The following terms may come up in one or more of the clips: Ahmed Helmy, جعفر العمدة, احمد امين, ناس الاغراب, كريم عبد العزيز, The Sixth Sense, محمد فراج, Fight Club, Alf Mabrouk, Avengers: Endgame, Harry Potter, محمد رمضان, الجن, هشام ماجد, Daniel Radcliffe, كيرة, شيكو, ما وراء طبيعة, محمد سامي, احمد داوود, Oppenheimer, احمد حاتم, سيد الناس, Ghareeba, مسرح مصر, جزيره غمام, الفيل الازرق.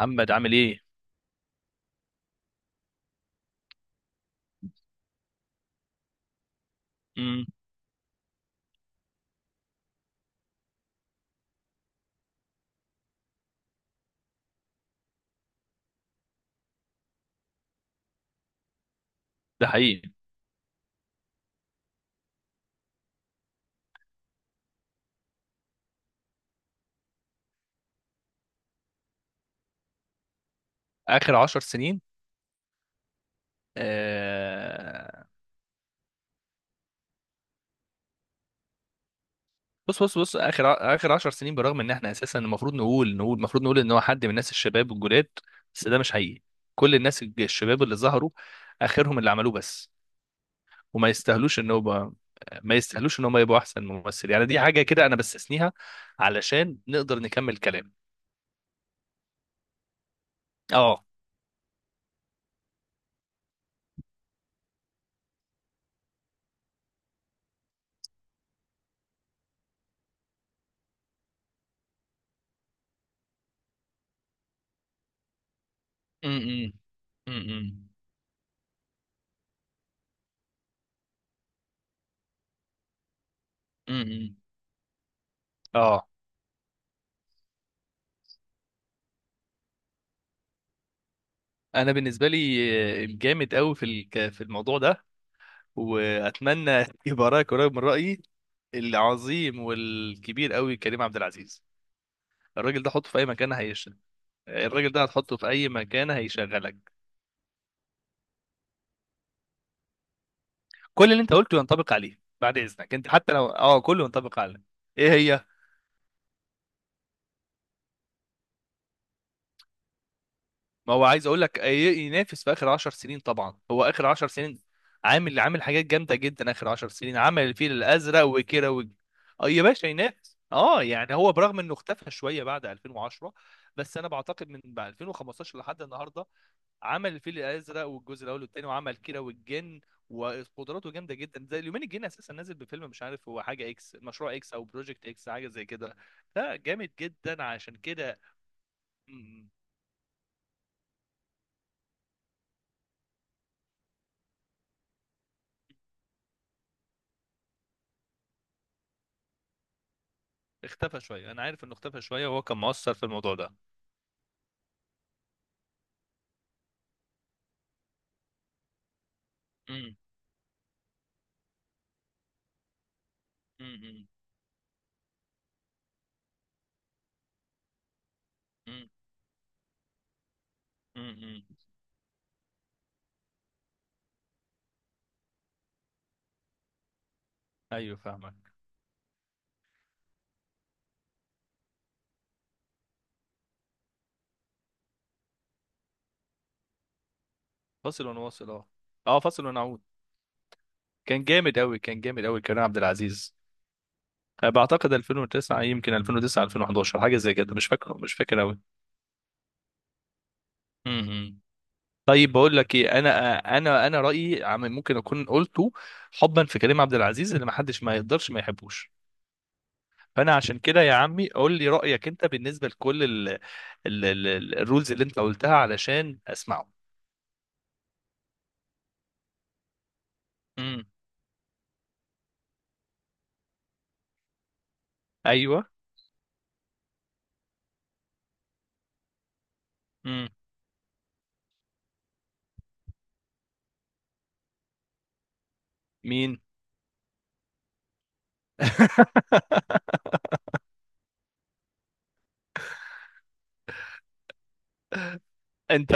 محمد عامل ايه؟ امم. ده حقيقي. اخر 10 سنين. آه. بص بص بص. اخر 10 سنين، برغم ان احنا اساسا المفروض نقول ان هو حد من الناس الشباب والجداد. بس ده مش حقيقي. كل الناس الشباب اللي ظهروا اخرهم اللي عملوه بس، وما يستاهلوش ان هو ما يستاهلوش ان هم يبقوا احسن ممثل. يعني دي حاجه كده انا بستثنيها علشان نقدر نكمل كلام. اه. امم. امم. امم. اه. انا بالنسبه لي الجامد قوي في الموضوع ده، واتمنى يبقى رايك قريب من رايي. العظيم والكبير قوي كريم عبد العزيز. الراجل ده حطه في اي مكان هيشتغل. الراجل ده هتحطه في اي مكان هيشغلك. كل اللي انت قلته ينطبق عليه بعد اذنك، انت حتى لو كله ينطبق عليك. ايه هي؟ ما هو عايز اقول لك ينافس في اخر 10 سنين، طبعا هو اخر 10 سنين عامل حاجات جامده جدا. اخر 10 سنين عمل الفيل الازرق وكيرة و... اه يا باشا ينافس. اه يعني هو برغم انه اختفى شويه بعد 2010. بس انا بعتقد من بعد 2015 لحد النهارده عمل الفيل الازرق والجزء الاول والثاني، وعمل كيرة والجن، وقدراته جامده جدا. زي اليومين الجن اساسا نازل بفيلم مش عارف هو حاجه اكس مشروع اكس او بروجكت اكس حاجه زي كده. لا جامد جدا عشان كده. اختفى شويه. انا عارف انه اختفى شويه، وهو كان مؤثر في الموضوع ده. امم. امم. امم. امم. ايوه فاهمك. فاصل ونواصل. اه. اه فاصل ونعود. كان جامد قوي، كان جامد قوي كريم عبد العزيز. أه، بعتقد 2009 يمكن 2009 2011 حاجه زي كده. مش فاكر قوي. امم. طيب بقول لك ايه، انا انا رايي ممكن اكون قلته حبا في كريم عبد العزيز اللي ما حدش ما يقدرش ما يحبوش. فانا عشان كده يا عمي قول لي رايك انت بالنسبه لكل ال الرولز اللي انت قلتها علشان اسمعه. امم. ايوه. امم. مين؟ انت.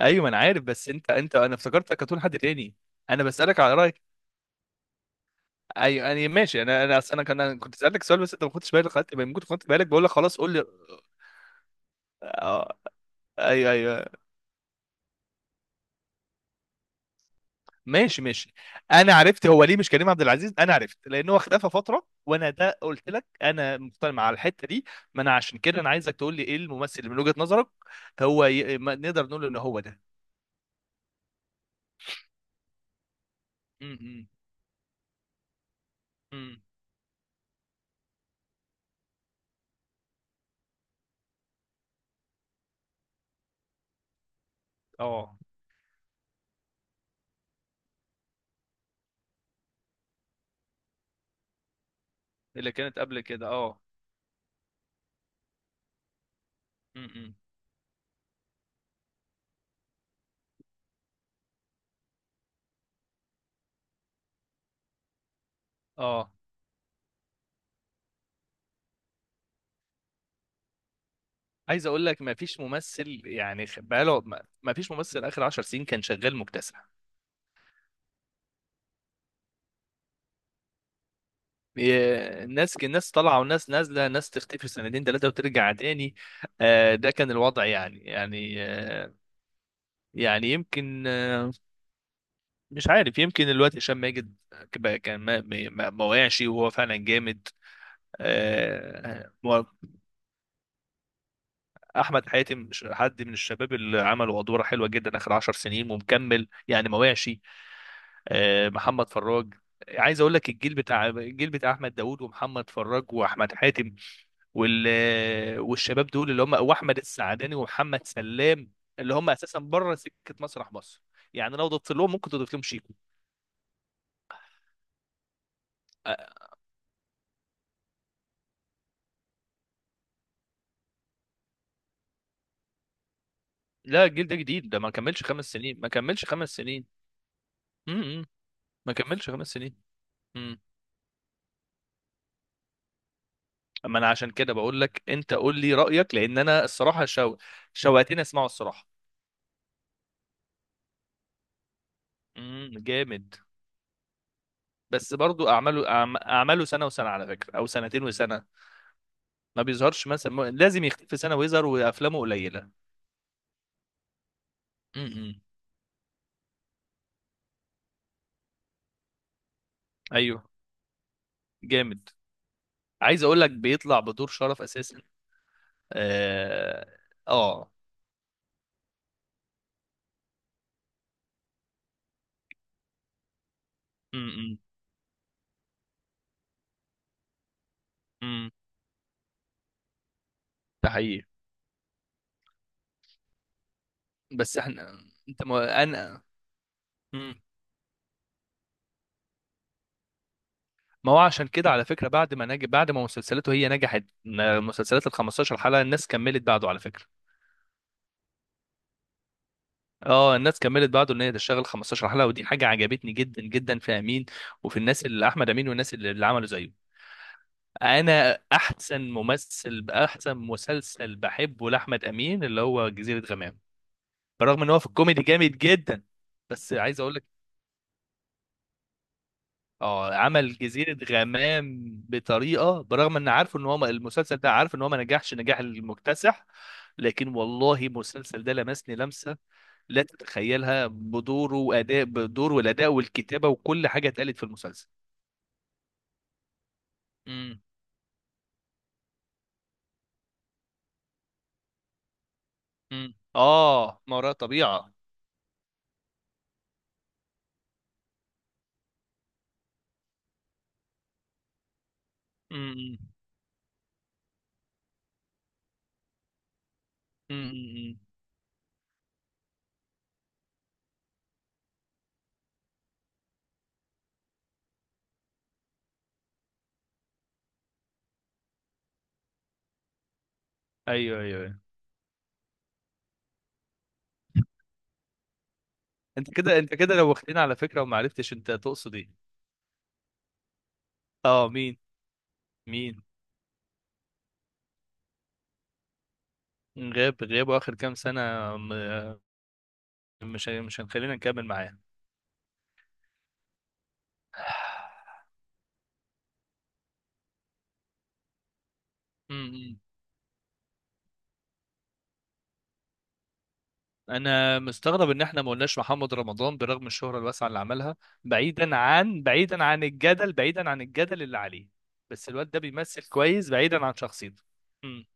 ايوه ما انا عارف، بس انت انا افتكرتك هتقول حد تاني. انا بسالك على رايك. ايوه انا ماشي. انا انا اصل انا كان أنا كنت سالتك سؤال، بس انت ما خدتش بالك. خدت بالك. بقول لك خلاص قول لي. آه. ايوه ايوه. ماشي ماشي. انا عرفت هو ليه مش كريم عبد العزيز، انا عرفت لان هو اختفى فتره. وانا ده قلت لك انا مقتنع مع الحته دي. ما انا عشان كده انا عايزك تقول لي ايه الممثل اللي من وجهه نظرك. ما نقدر نقول ان هو ده. امم. امم. اه. اللي كانت قبل كده. اه. امم. اه. عايز اقول لك ما فيش ممثل. يعني بقاله ما ما فيش ممثل اخر 10 سنين كان شغال مكتسح. إيه، الناس طالعه وناس نازله، ناس تختفي سنتين ثلاثه وترجع تاني. آه، ده كان الوضع. يعني آه. يمكن آه. مش عارف. يمكن الوقت هشام ماجد بقى كان ما وقعش، وهو فعلا جامد. آه، و- احمد حاتم حد من الشباب اللي عمل وادواره حلوه جدا اخر 10 سنين ومكمل، يعني ما وقعش. آه، محمد فراج. عايز اقول لك الجيل بتاع احمد داوود ومحمد فراج واحمد حاتم وال والشباب دول اللي هم واحمد السعداني ومحمد سلام، اللي هم اساسا بره سكه مسرح مصر. يعني لو ضفت لهم ممكن تضيف لهم شيكو. آه. لا الجيل ده جديد، ده ما كملش 5 سنين، ما كملش 5 سنين. امم. ما كملش 5 سنين. امم. اما انا عشان كده بقول لك انت قول لي رايك، لان انا الصراحه شوقتني اسمعه الصراحه. امم. جامد. بس برضو اعماله سنه وسنه على فكره، او سنتين وسنه. ما بيظهرش مثلا. لازم يختفي سنه ويظهر وافلامه قليله. امم. ايوه جامد. عايز اقول لك بيطلع بدور شرف اساسا. اه. اه. امم. امم. ده حقيقي. بس احنا انت ما انا مم. ما هو عشان كده على فكره، بعد ما نجح، بعد ما مسلسلاته هي نجحت، مسلسلات ال 15 حلقه الناس كملت بعده على فكره. اه، الناس كملت بعده ان هي تشتغل 15 حلقه، ودي حاجه عجبتني جدا جدا في امين. وفي الناس اللي احمد امين، والناس اللي عملوا زيه. انا احسن مسلسل بحبه لاحمد امين اللي هو جزيره غمام. برغم ان هو في الكوميدي جامد جدا، بس عايز اقول اه عمل جزيرة غمام بطريقة. برغم ان عارفه ان هو المسلسل ده، عارف ان هو ما نجحش نجاح المكتسح، لكن والله المسلسل ده لمسني لمسة لا تتخيلها. بدوره واداء بدوره والاداء والكتابة وكل حاجة اتقالت في المسلسل. امم. امم. اه ما وراء طبيعة. امم. امم. امم. ايوه ايوه أيوة. انت كده انت كده لو واخدين على فكرة وما عرفتش انت تقصد ايه. اه مين؟ مين؟ غاب غاب اخر كام سنة. مش هنخلينا نكمل معاه. أمم. انا مستغرب ان احنا ما قلناش محمد رمضان برغم الشهرة الواسعة اللي عملها. بعيدا عن الجدل اللي عليه، بس الواد ده بيمثل كويس بعيدا عن شخصيته. أمم.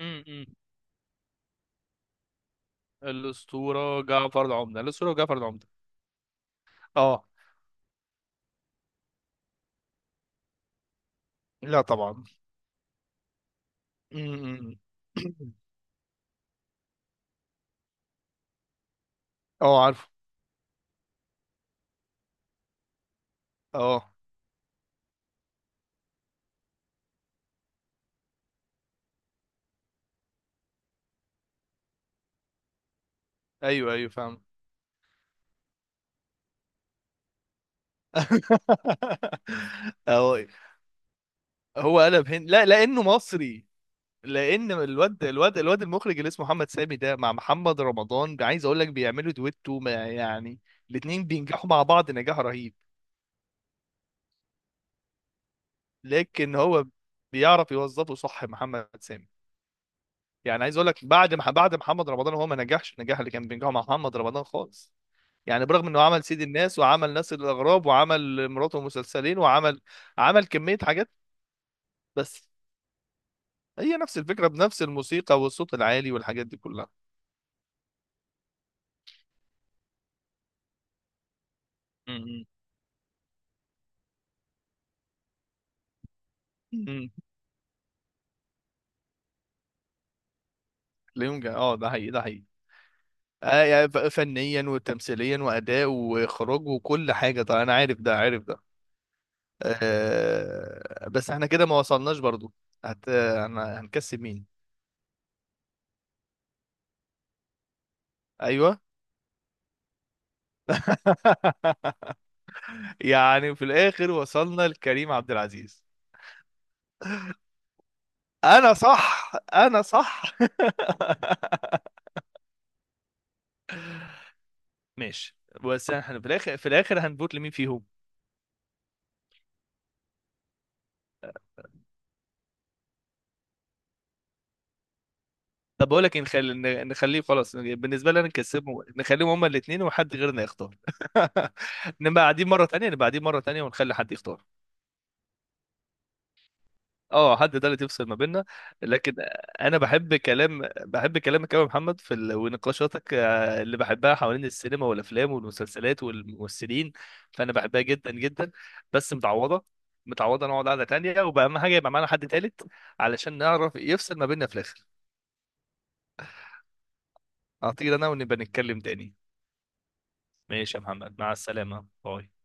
أمم. الأسطورة جعفر العمدة، الأسطورة جعفر العمدة. اه لا طبعا. أمم. اه عارفه. اه ايوه ايوه فاهم. اه. هو قلب هند لا، لانه مصري. لان الواد المخرج اللي اسمه محمد سامي، ده مع محمد رمضان، عايز اقول لك بيعملوا دويتو ما يعني. الاتنين بينجحوا مع بعض نجاح رهيب. لكن هو بيعرف يوظفه صح محمد سامي. يعني عايز اقول لك بعد محمد رمضان هو ما نجحش النجاح اللي كان بينجحه مع محمد رمضان خالص. يعني برغم انه عمل سيد الناس، وعمل ناس الاغراب، وعمل مراته مسلسلين، وعمل عمل كمية حاجات، بس هي نفس الفكرة بنفس الموسيقى والصوت العالي والحاجات دي كلها. م- م. ليونجا. اه ده حقيقي، ده حقيقي. آه يعني فنيا وتمثيليا واداء واخراج وكل حاجه. طبعا انا عارف ده، عارف ده. آه بس احنا كده ما وصلناش برضو. هنكسب مين؟ ايوه. يعني في الاخر وصلنا لكريم عبد العزيز. انا صح، انا صح. ماشي. بس احنا في الاخر، في الاخر هنفوت لمين فيهم؟ طب بقول لك إيه، نخلي نخليه خلاص. بالنسبه لي انا نكسبهم، نخليهم هما الاثنين، وحد غيرنا يختار. نبقى قاعدين مره تانية، نبقى قاعدين مره تانية، ونخلي حد يختار. اه حد ده اللي تفصل ما بيننا. لكن انا بحب كلامك قوي يا محمد. ونقاشاتك آه، اللي بحبها حوالين السينما والافلام والمسلسلات والممثلين. فانا بحبها جدا جدا. بس متعوضه. متعوضه نقعد قعده تانية، وبقى اهم حاجه يبقى معانا حد تالت علشان نعرف يفصل ما بيننا في الاخر. اعتقد انا، ونبقى نتكلم تاني. ماشي يا محمد، مع السلامة، باي.